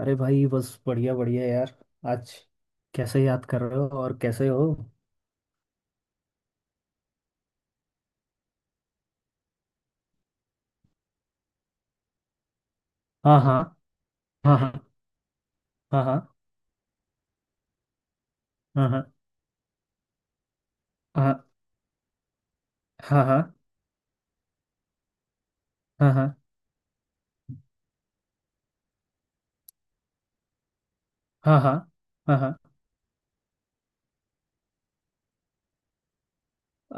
अरे भाई, बस बढ़िया बढ़िया यार। आज कैसे याद कर रहे हो, और कैसे हो? हाँ, हाँ, हाँ, हाँ, हाँ, हाँ, हाँ, हाँ, हाँ, हाँ, हाँ, हाँ, हाँ, हाँ, हाँ, हाँ, हाँ।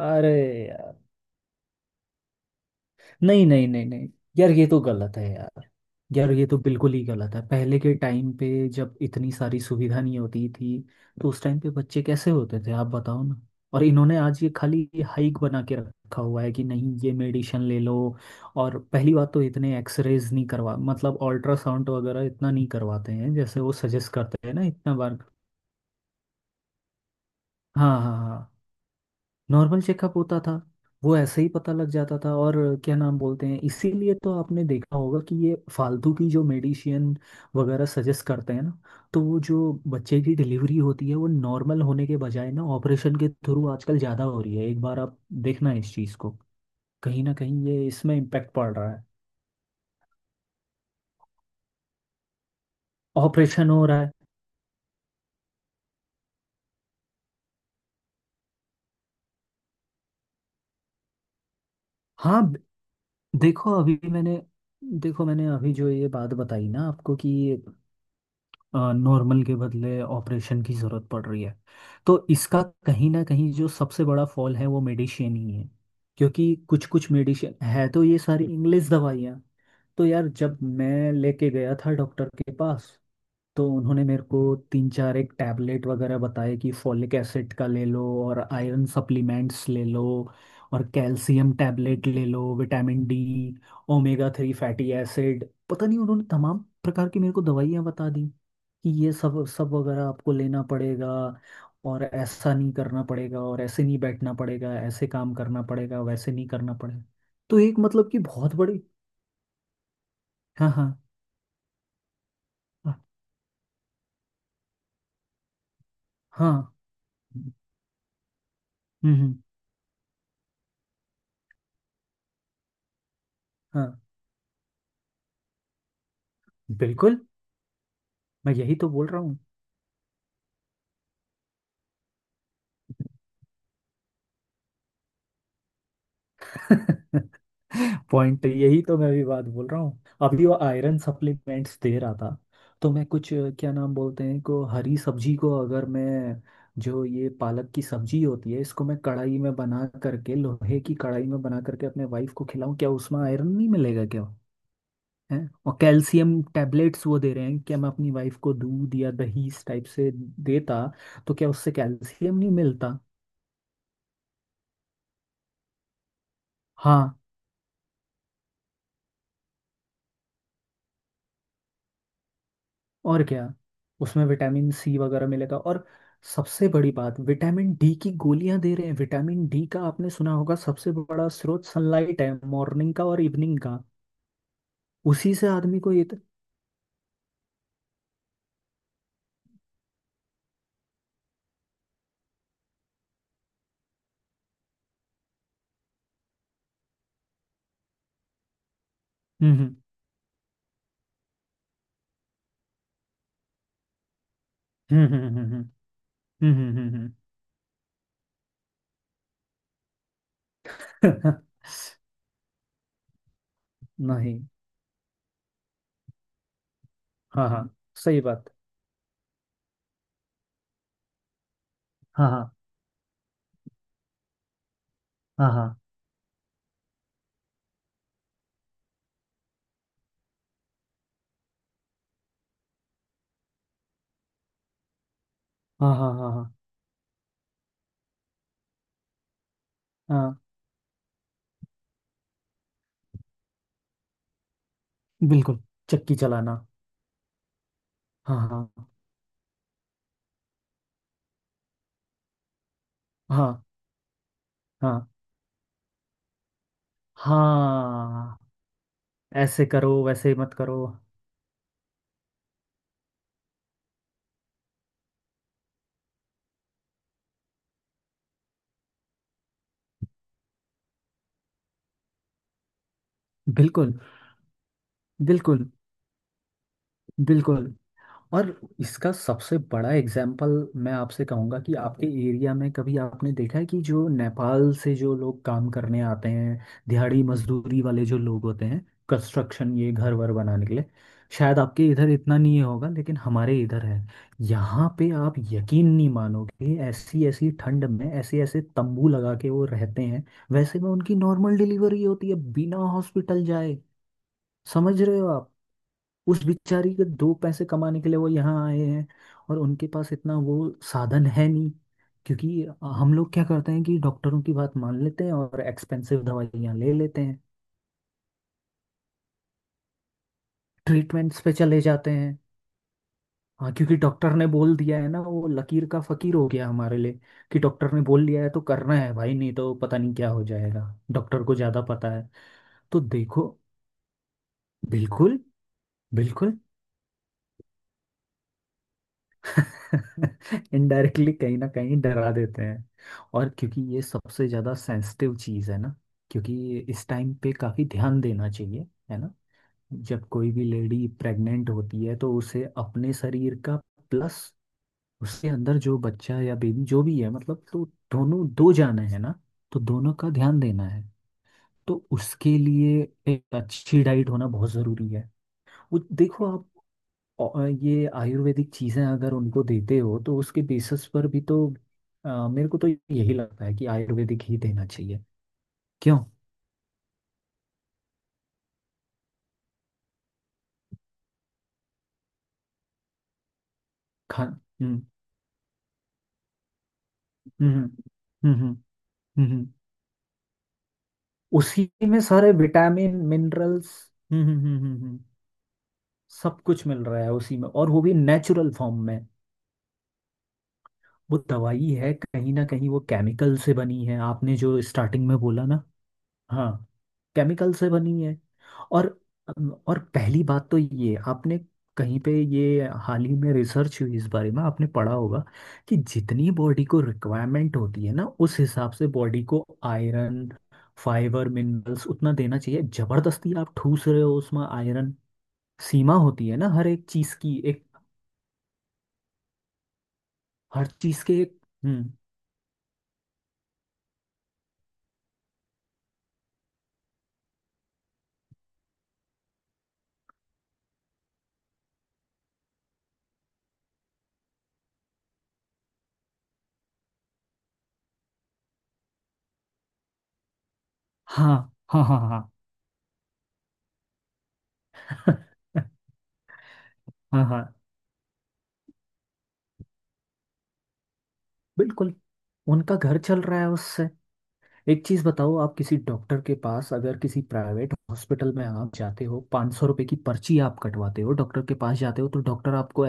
अरे यार, नहीं नहीं नहीं नहीं, यार ये तो गलत है यार। यार ये तो बिल्कुल ही गलत है। पहले के टाइम पे, जब इतनी सारी सुविधा नहीं होती थी, तो उस टाइम पे बच्चे कैसे होते थे, आप बताओ ना। और इन्होंने आज ये खाली ये हाइक बना के रखा हुआ है कि नहीं ये मेडिसिन ले लो। और पहली बात तो इतने एक्सरेज नहीं करवा, मतलब अल्ट्रासाउंड वगैरह इतना नहीं करवाते हैं जैसे वो सजेस्ट करते हैं ना, इतना बार। हाँ, हाँ, हाँ। नॉर्मल चेकअप होता था। वो ऐसे ही पता लग जाता था। और क्या नाम बोलते हैं, इसीलिए तो आपने देखा होगा कि ये फालतू की जो मेडिसिन वगैरह सजेस्ट करते हैं ना, तो वो जो बच्चे की डिलीवरी होती है, वो नॉर्मल होने के बजाय ना ऑपरेशन के थ्रू आजकल ज़्यादा हो रही है। एक बार आप देखना इस चीज़ को, कहीं ना कहीं ये इसमें इम्पेक्ट पड़ रहा है। ऑपरेशन हो रहा है। हाँ, देखो अभी मैंने देखो, मैंने अभी जो ये बात बताई ना आपको, कि नॉर्मल के बदले ऑपरेशन की ज़रूरत पड़ रही है, तो इसका कहीं ना कहीं जो सबसे बड़ा फॉल है वो मेडिसिन ही है। क्योंकि कुछ कुछ मेडिसिन है, तो ये सारी इंग्लिश दवाइयाँ। तो यार जब मैं लेके गया था डॉक्टर के पास, तो उन्होंने मेरे को तीन चार एक टैबलेट वगैरह बताए, कि फॉलिक एसिड का ले लो, और आयरन सप्लीमेंट्स ले लो, और कैल्शियम टैबलेट ले लो, vitamin D, omega three fatty acid, पता नहीं उन्होंने तमाम प्रकार की मेरे को दवाइयाँ बता दी, कि ये सब सब वगैरह आपको लेना पड़ेगा, और ऐसा नहीं करना पड़ेगा, और ऐसे नहीं बैठना पड़ेगा, ऐसे काम करना पड़ेगा, वैसे नहीं करना पड़ेगा। तो एक मतलब कि बहुत बड़ी। हाँ, हाँ, हाँ, हम्म, हाँ बिल्कुल। मैं यही तो बोल रहा हूँ। पॉइंट यही तो मैं भी बात बोल रहा हूँ, अभी वो आयरन सप्लीमेंट्स दे रहा था। तो मैं कुछ क्या नाम बोलते हैं, को हरी सब्जी को अगर मैं, जो ये पालक की सब्जी होती है, इसको मैं कढ़ाई में बना करके, लोहे की कढ़ाई में बना करके, अपने वाइफ को खिलाऊं, क्या उसमें आयरन नहीं मिलेगा क्या? है। और कैल्शियम टैबलेट्स वो दे रहे हैं, क्या मैं अपनी वाइफ को दूध या दही इस टाइप से देता, तो क्या उससे कैल्शियम नहीं मिलता? हाँ, और क्या। उसमें विटामिन सी वगैरह मिलेगा, और सबसे बड़ी बात, विटामिन डी की गोलियां दे रहे हैं। विटामिन डी का आपने सुना होगा, सबसे बड़ा स्रोत सनलाइट है, मॉर्निंग का और इवनिंग का। उसी से आदमी को ये तो-। हम्म, हम्म, हम्म, हम्म, हम्म, हम्म, हम्म। नहीं। हाँ, हाँ, सही बात। हाँ, हाँ, हाँ, हाँ, हाँ, हाँ, हाँ, हाँ, हाँ, हाँ, बिल्कुल। चक्की चलाना। हाँ, हाँ, हाँ, हाँ, हाँ। ऐसे करो वैसे मत करो। बिल्कुल, बिल्कुल, बिल्कुल। और इसका सबसे बड़ा एग्जाम्पल मैं आपसे कहूँगा, कि आपके एरिया में कभी आपने देखा है कि जो नेपाल से जो लोग काम करने आते हैं, दिहाड़ी मजदूरी वाले जो लोग होते हैं, कंस्ट्रक्शन, ये घर वर बनाने के लिए। शायद आपके इधर इतना नहीं होगा, लेकिन हमारे इधर है। यहाँ पे आप यकीन नहीं मानोगे, ऐसी ऐसी ठंड में ऐसे ऐसे तंबू लगा के वो रहते हैं। वैसे में उनकी नॉर्मल डिलीवरी होती है बिना हॉस्पिटल जाए। समझ रहे हो आप? उस बिचारी के दो पैसे कमाने के लिए वो यहाँ आए हैं, और उनके पास इतना वो साधन है नहीं। क्योंकि हम लोग क्या करते हैं कि डॉक्टरों की बात मान लेते हैं, और एक्सपेंसिव दवाइयाँ ले लेते हैं, ट्रीटमेंट्स पे चले जाते हैं। हाँ, क्योंकि डॉक्टर ने बोल दिया है ना, वो लकीर का फकीर हो गया हमारे लिए। कि डॉक्टर ने बोल दिया है तो करना है भाई, नहीं तो पता नहीं क्या हो जाएगा। डॉक्टर को ज़्यादा पता है। तो देखो। बिल्कुल। बिल्कुल। इनडायरेक्टली कहीं ना कहीं डरा देते हैं। और क्योंकि ये सबसे ज़्यादा सेंसिटिव चीज़ है ना, क्योंकि इस टाइम पे काफ़ी ध्यान देना चाहिए, है ना। जब कोई भी लेडी प्रेग्नेंट होती है, तो उसे अपने शरीर का, प्लस उसके अंदर जो बच्चा या बेबी जो भी है, मतलब तो दोनों दो जाने हैं ना, तो दोनों का ध्यान देना है। तो उसके लिए एक अच्छी डाइट होना बहुत ज़रूरी है। वो देखो आप। और ये आयुर्वेदिक चीज़ें अगर उनको देते हो, तो उसके बेसिस पर भी तो, मेरे को तो यही लगता है कि आयुर्वेदिक ही देना चाहिए। क्यों। खा हम्म, हम्म, हम्म, हम्म, हम्म, हम्म। उसी में सारे विटामिन मिनरल्स। हम्म, हम्म, हम्म, हम्म, सब कुछ मिल रहा है उसी में, और वो भी नेचुरल फॉर्म में। वो दवाई है, कहीं ना कहीं वो केमिकल से बनी है, आपने जो स्टार्टिंग में बोला ना। हाँ, केमिकल से बनी है। और और पहली बात तो ये आपने, कहीं पे ये हाल ही में रिसर्च हुई इस बारे में आपने पढ़ा होगा, कि जितनी बॉडी को रिक्वायरमेंट होती है ना, उस हिसाब से बॉडी को आयरन, फाइबर, मिनरल्स उतना देना चाहिए। जबरदस्ती आप ठूस रहे हो उसमें आयरन। सीमा होती है ना हर एक चीज की। एक हर चीज के एक। हम्म। हाँ, हाँ, हाँ, हाँ, हाँ, हाँ, बिल्कुल। उनका घर चल रहा है उससे। एक चीज बताओ, आप किसी डॉक्टर के पास अगर किसी प्राइवेट हॉस्पिटल में आप जाते हो, पाँच सौ रुपये की पर्ची आप कटवाते हो, डॉक्टर के पास जाते हो, तो डॉक्टर आपको,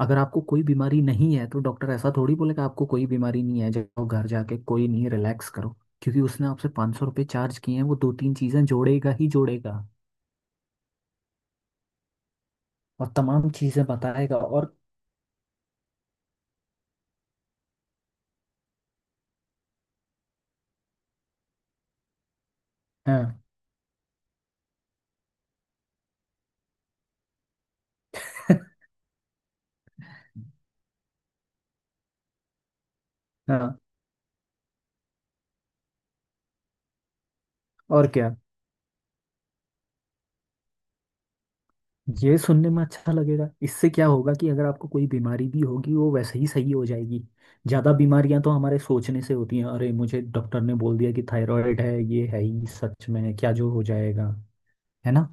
अगर आपको कोई बीमारी नहीं है, तो डॉक्टर ऐसा थोड़ी बोलेगा आपको कोई बीमारी नहीं है, जाओ घर जाके कोई नहीं रिलैक्स करो। क्योंकि उसने आपसे 500 रुपये चार्ज किए हैं, वो दो तीन चीजें जोड़ेगा ही जोड़ेगा, और तमाम चीजें बताएगा, और। हाँ। हाँ, और क्या। ये सुनने में अच्छा लगेगा, इससे क्या होगा कि अगर आपको कोई बीमारी भी होगी वो वैसे ही सही हो जाएगी। ज़्यादा बीमारियां तो हमारे सोचने से होती हैं। अरे मुझे डॉक्टर ने बोल दिया कि थायराइड है, ये है ही सच में क्या जो हो जाएगा? है ना।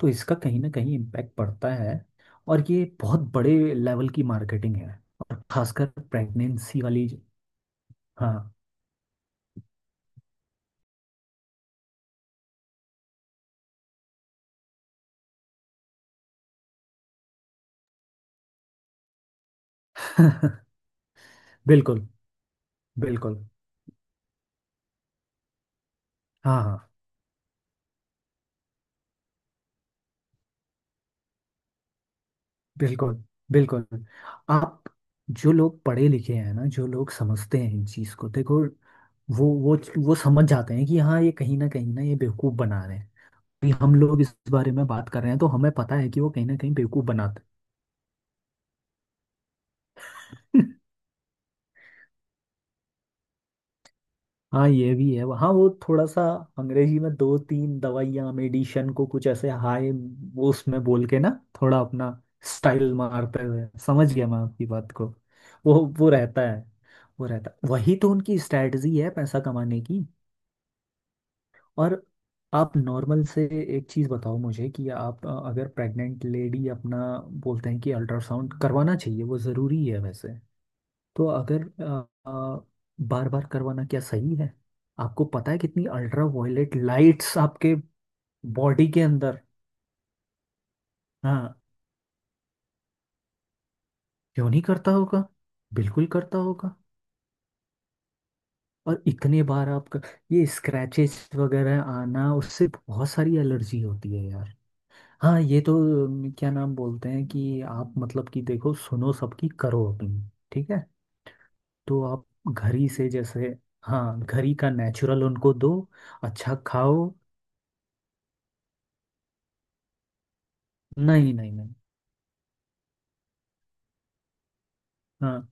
तो इसका कहीं ना कहीं इम्पैक्ट पड़ता है। और ये बहुत बड़े लेवल की मार्केटिंग है। और खासकर प्रेगनेंसी वाली। हाँ। बिल्कुल, बिल्कुल। हाँ, हाँ, बिल्कुल, बिल्कुल। आप जो लोग पढ़े लिखे हैं ना, जो लोग समझते हैं इन चीज को, देखो, वो वो वो समझ जाते हैं कि हाँ ये कहीं ना ये बेवकूफ बना रहे हैं। कि हम लोग इस बारे में बात कर रहे हैं तो हमें पता है कि वो कहीं ना कहीं बेवकूफ बनाते हैं। हाँ, ये भी है। हाँ, वो थोड़ा सा अंग्रेजी में दो तीन दवाइयाँ मेडिशन को कुछ ऐसे हाय, वो उसमें बोल के ना, थोड़ा अपना स्टाइल मारते हुए। समझ गया मैं आपकी बात को। वो रहता है। वो रहता, वही तो उनकी स्ट्रेटजी है पैसा कमाने की। और आप नॉर्मल से, एक चीज़ बताओ मुझे कि आप, अगर प्रेग्नेंट लेडी अपना, बोलते हैं कि अल्ट्रासाउंड करवाना चाहिए वो ज़रूरी है वैसे। तो अगर बार बार करवाना क्या सही है? आपको पता है कितनी अल्ट्रा वायलेट लाइट्स आपके बॉडी के अंदर। हाँ। क्यों नहीं करता होगा? बिल्कुल करता होगा। और इतने बार आपका, ये स्क्रैचेस वगैरह आना, उससे बहुत सारी एलर्जी होती है यार। हाँ, ये तो, क्या नाम बोलते हैं, कि आप मतलब कि देखो, सुनो सबकी, करो अपनी। ठीक है। तो आप घर ही से जैसे। हाँ, घर ही का नेचुरल उनको दो, अच्छा खाओ। नहीं नहीं नहीं। हाँ।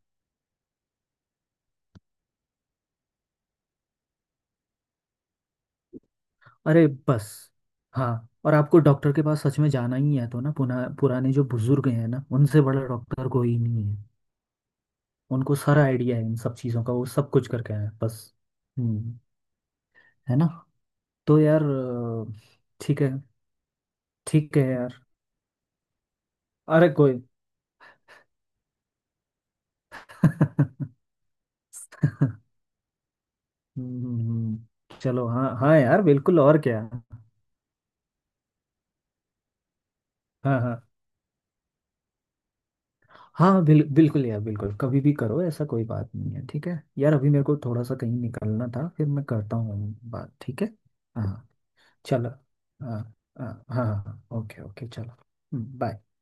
अरे बस। हाँ। और आपको डॉक्टर के पास सच में जाना ही है तो ना पुना पुराने जो बुजुर्ग हैं ना, उनसे बड़ा डॉक्टर कोई नहीं है। उनको सारा आइडिया है इन सब चीज़ों का, वो सब कुछ करके आए हैं, बस। हम्म। है ना। तो यार, ठीक है। ठीक है यार। अरे कोई। हम्म, चलो, हाँ हाँ यार, बिल्कुल, और क्या। हाँ, हाँ, हाँ, हाँ, बिल्कुल यार, बिल्कुल, कभी भी करो, ऐसा कोई बात नहीं है। ठीक है यार, अभी मेरे को थोड़ा सा कहीं निकलना था, फिर मैं करता हूँ बात, ठीक है? हाँ, चलो। हाँ, हाँ, हाँ, हाँ, हाँ, हाँ, हाँ, हाँ, हाँ, ओके, ओके, चलो। बाय।